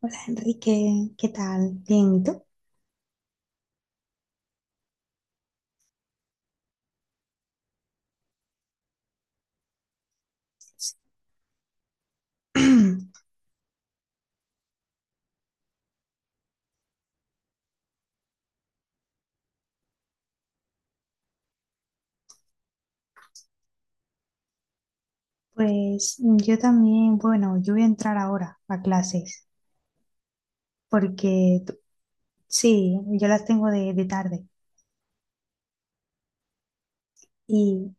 Hola Enrique, ¿qué tal? Bien, ¿y tú? Pues yo también, bueno, yo voy a entrar ahora a clases porque tú- sí, yo las tengo de tarde y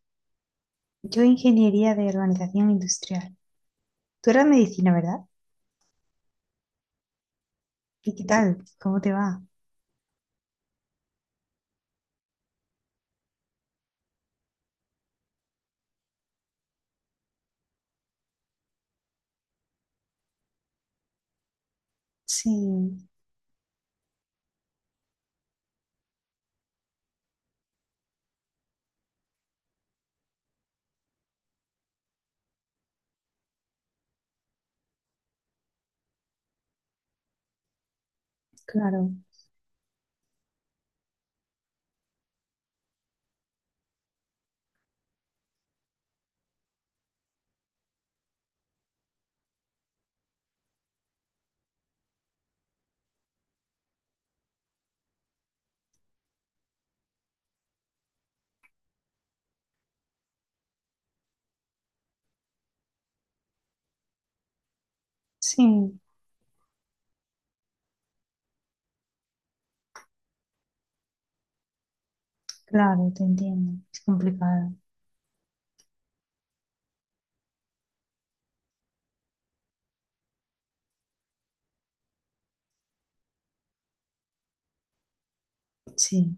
yo ingeniería de organización industrial. Tú eras medicina, ¿verdad? ¿Y qué tal? ¿Cómo te va? Sí, claro, sí, claro, te entiendo. Es complicado, sí.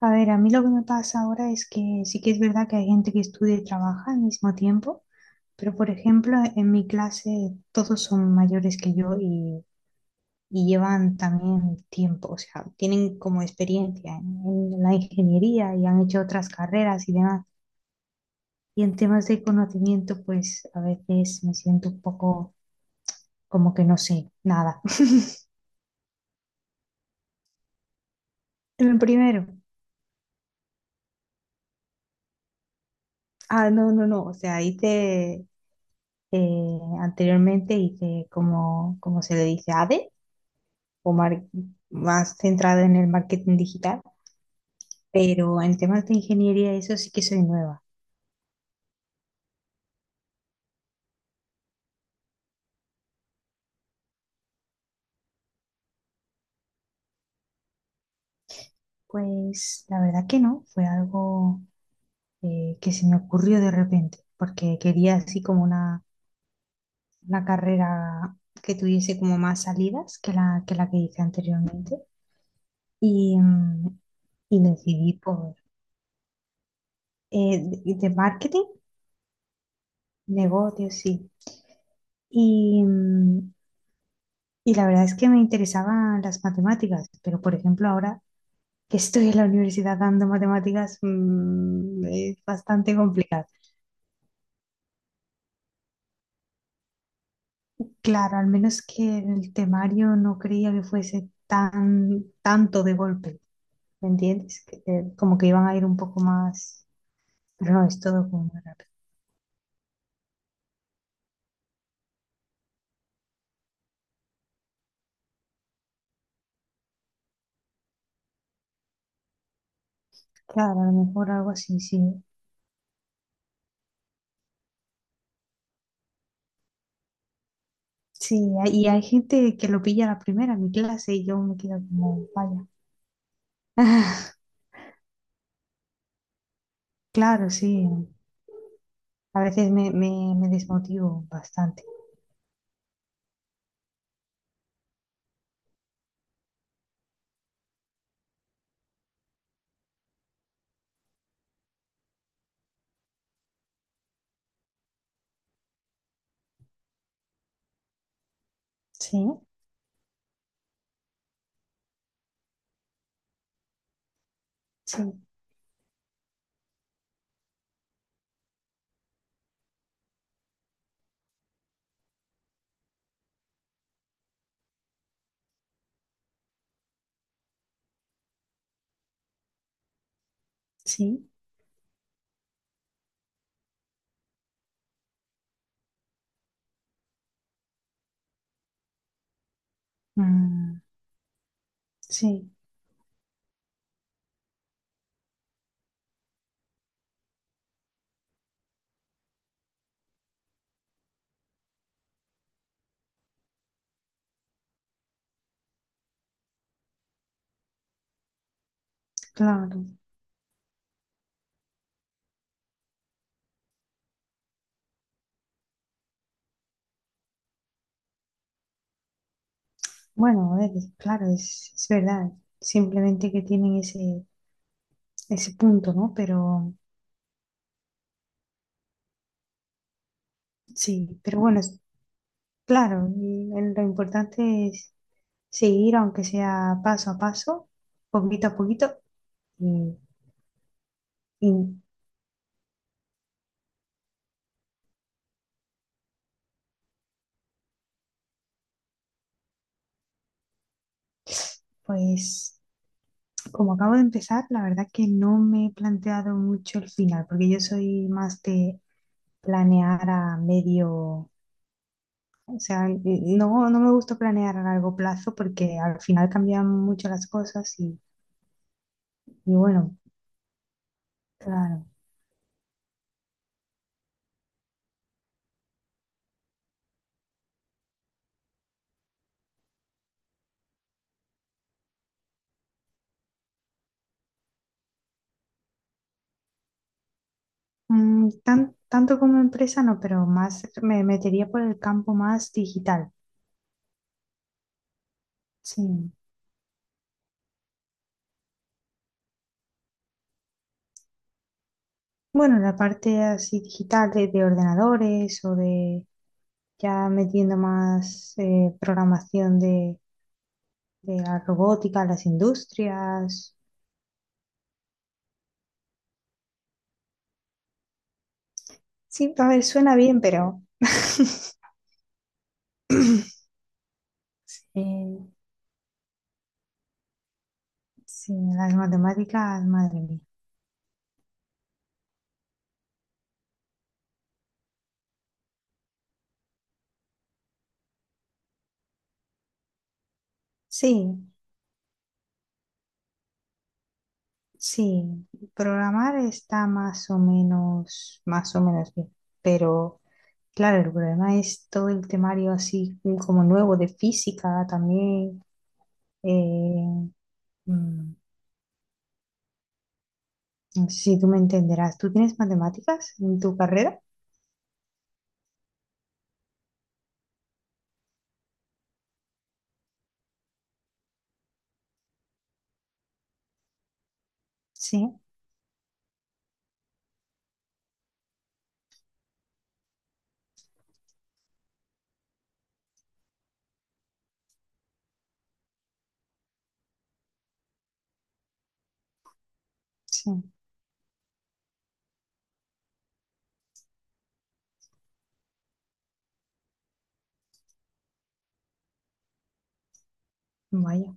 A ver, a mí lo que me pasa ahora es que sí que es verdad que hay gente que estudia y trabaja al mismo tiempo, pero por ejemplo, en mi clase todos son mayores que yo y llevan también tiempo, o sea, tienen como experiencia en la ingeniería y han hecho otras carreras y demás. Y en temas de conocimiento, pues a veces me siento un poco como que no sé nada. En el primero, ah, no, no, no, o sea, hice anteriormente hice como, como se le dice, ADE, o mar- más centrado en el marketing digital, pero en temas de ingeniería eso sí que soy nueva. Pues la verdad que no, fue algo que se me ocurrió de repente, porque quería así como una carrera que tuviese como más salidas que la que, la que hice anteriormente. Y, y decidí por de marketing, negocios, sí. Y, y la verdad es que me interesaban las matemáticas, pero por ejemplo ahora que estoy en la universidad dando matemáticas es bastante complicado. Claro, al menos que el temario no creía que fuese tan tanto de golpe, ¿me entiendes? Que, como que iban a ir un poco más, pero no, es todo como muy rápido. Claro, a lo mejor algo así, sí. Sí, hay- y hay gente que lo pilla a la primera en mi clase y yo me quedo como, vaya. Claro, sí. A veces me desmotivo bastante. Sí, sí, sí. Mm, sí. Claro, bueno, a ver, claro, es verdad, simplemente que tienen ese, ese punto, ¿no? Pero sí, pero bueno, es- claro, el- lo importante es seguir, aunque sea paso a paso, poquito a poquito, y, y, pues como acabo de empezar, la verdad que no me he planteado mucho el final, porque yo soy más de planear a medio. O sea, no, no me gusta planear a largo plazo porque al final cambian mucho las cosas y bueno, claro. Tan- tanto como empresa no, pero más me metería por el campo más digital. Sí. Bueno, la parte así digital de ordenadores o de ya metiendo más programación de la robótica, las industrias. Sí, a ver, suena bien, pero eh, sí, las matemáticas, madre mía. Sí, sí, programar está más o menos bien, pero claro, el problema es todo el temario así como nuevo de física también. eh, mm, no sé si tú me entenderás, ¿tú tienes matemáticas en tu carrera? Sí, sí, vaya.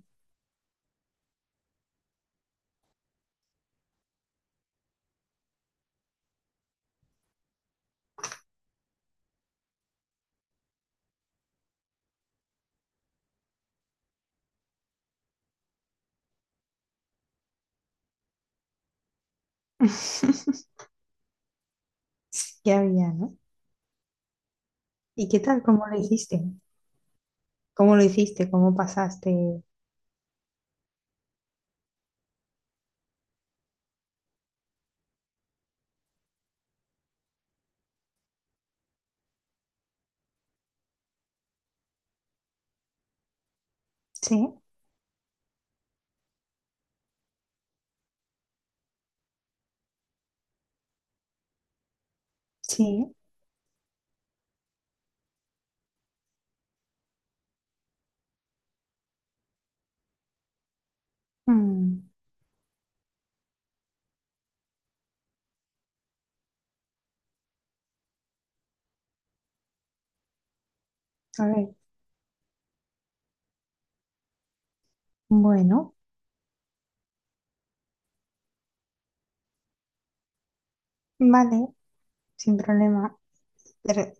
Ya, ya, ¿no? ¿Y qué tal? ¿Cómo lo hiciste? ¿Cómo lo hiciste? ¿Cómo pasaste? Sí, sí. Mm, a ver, bueno, vale, sin problema. Pero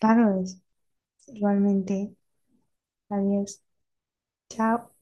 claro, es realmente. Adiós. Chao.